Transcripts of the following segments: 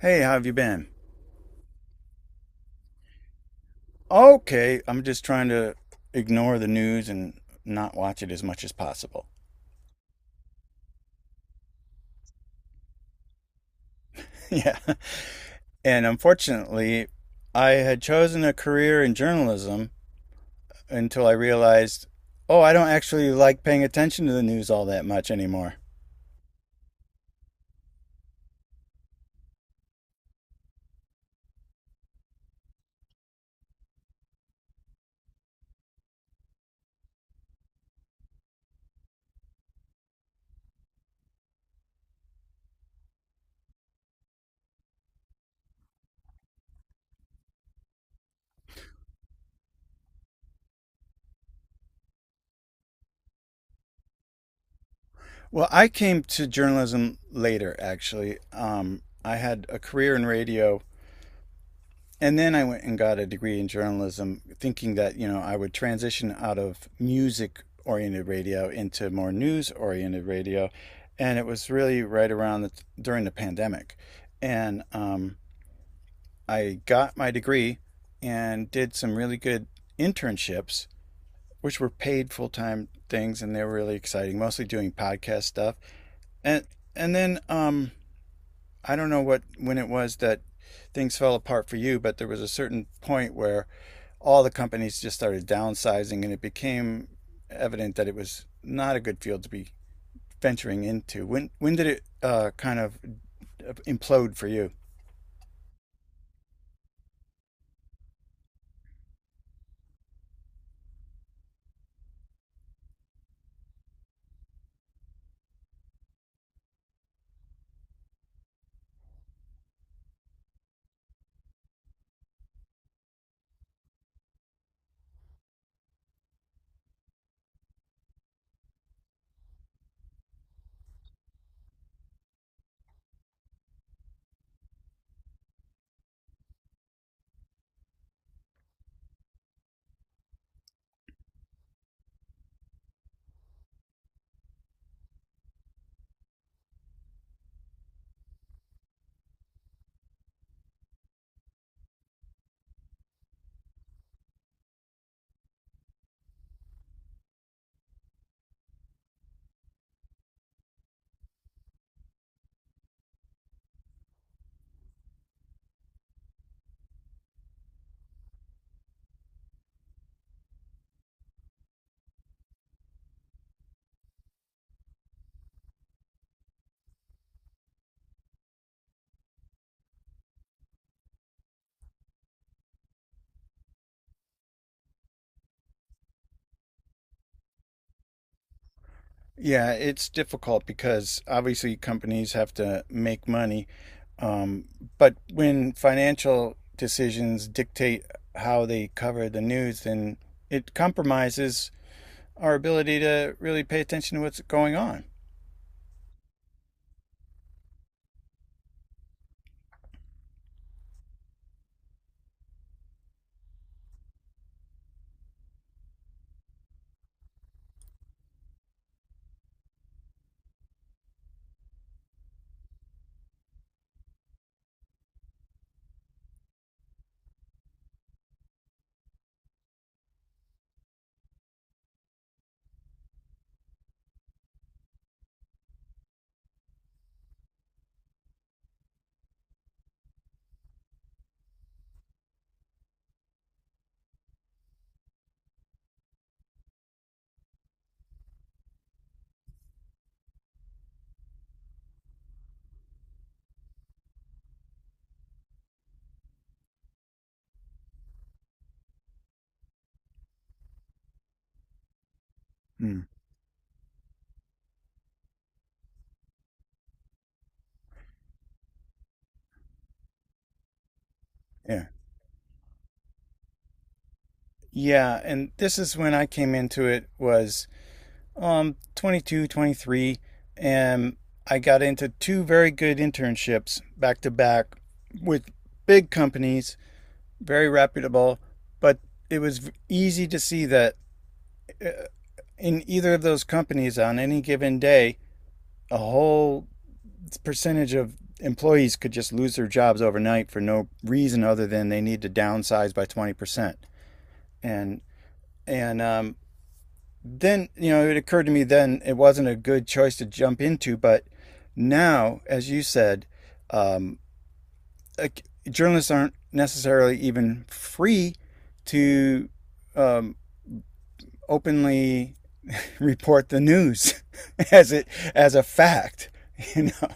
Hey, how have you been? Okay, I'm just trying to ignore the news and not watch it as much as possible. yeah. And unfortunately, I had chosen a career in journalism until I realized, oh, I don't actually like paying attention to the news all that much anymore. Well, I came to journalism later, actually. I had a career in radio, and then I went and got a degree in journalism, thinking that, you know, I would transition out of music oriented radio into more news oriented radio. And it was really right around the, during the pandemic. And I got my degree and did some really good internships, which were paid full time things. And they were really exciting, mostly doing podcast stuff. And, and then I don't know what when it was that things fell apart for you, but there was a certain point where all the companies just started downsizing, and it became evident that it was not a good field to be venturing into. When did it kind of implode for you? Yeah, it's difficult because obviously companies have to make money, um, but when financial decisions dictate how they cover the news, then it compromises our ability to really pay attention to what's going on. Hmm. Yeah. Yeah, and this is when I came into it was 22, 23, and I got into two very good internships back to back with big companies, very reputable, but it was easy to see that uh, in either of those companies on any given day, a whole percentage of employees could just lose their jobs overnight for no reason other than they need to downsize by 20%. And and then, you know, it occurred to me then it wasn't a good choice to jump into, but now, as you said, um, like, journalists aren't necessarily even free to um, openly report the news as it as a fact you know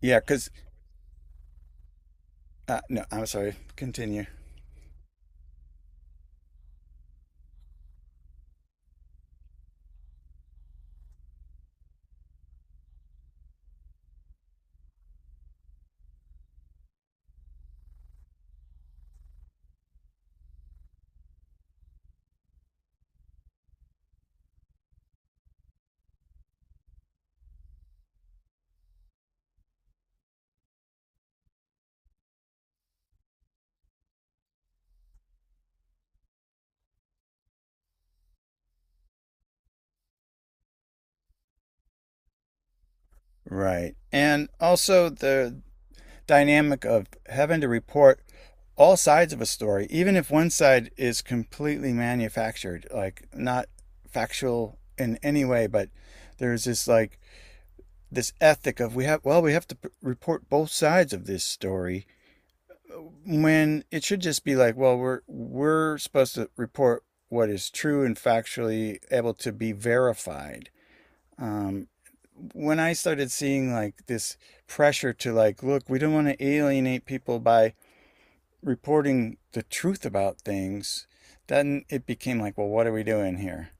yeah because no, I'm sorry, continue. Right, and also the dynamic of having to report all sides of a story, even if one side is completely manufactured, like not factual in any way, but there's this like this ethic of we have well we have to report both sides of this story when it should just be like, well, we're supposed to report what is true and factually able to be verified. um when I started seeing like this pressure to like, look, we don't want to alienate people by reporting the truth about things, then it became like, well, what are we doing here?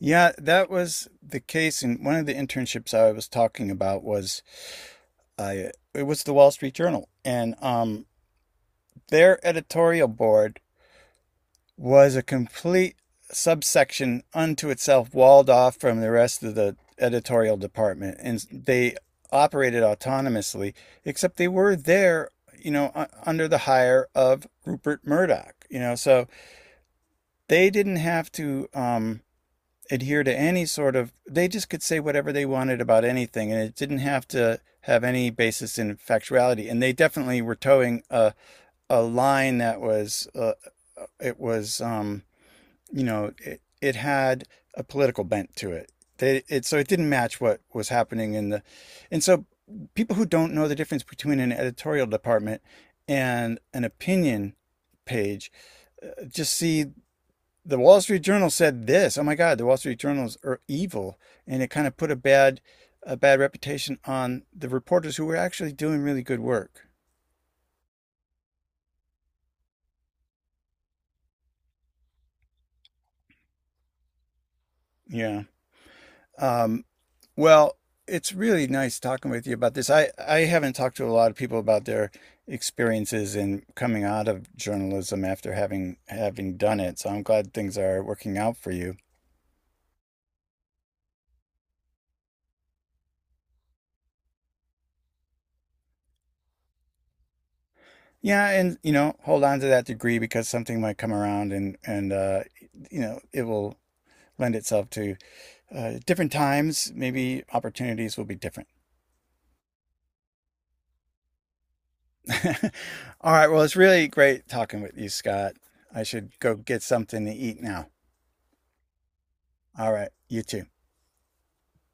Yeah, that was the case. And one of the internships I was talking about was I it was the Wall Street Journal, and their editorial board was a complete subsection unto itself, walled off from the rest of the editorial department, and they operated autonomously. Except they were there, you know, under the hire of Rupert Murdoch. You know, so they didn't have to adhere to any sort of, they just could say whatever they wanted about anything, and it didn't have to have any basis in factuality. And they definitely were towing a line that was, it was, you know, it had a political bent to it. They, it. So it didn't match what was happening in the, and so people who don't know the difference between an editorial department and an opinion page just see the Wall Street Journal said this. Oh my God, the Wall Street Journals are evil, and it kind of put a bad reputation on the reporters who were actually doing really good work. Yeah. Um, well, it's really nice talking with you about this. I haven't talked to a lot of people about their experiences in coming out of journalism after having done it. So I'm glad things are working out for you. Yeah, and you know, hold on to that degree because something might come around and you know, it will lend itself to different times, maybe opportunities will be different. All right. Well, it's really great talking with you, Scott. I should go get something to eat now. All right. You too.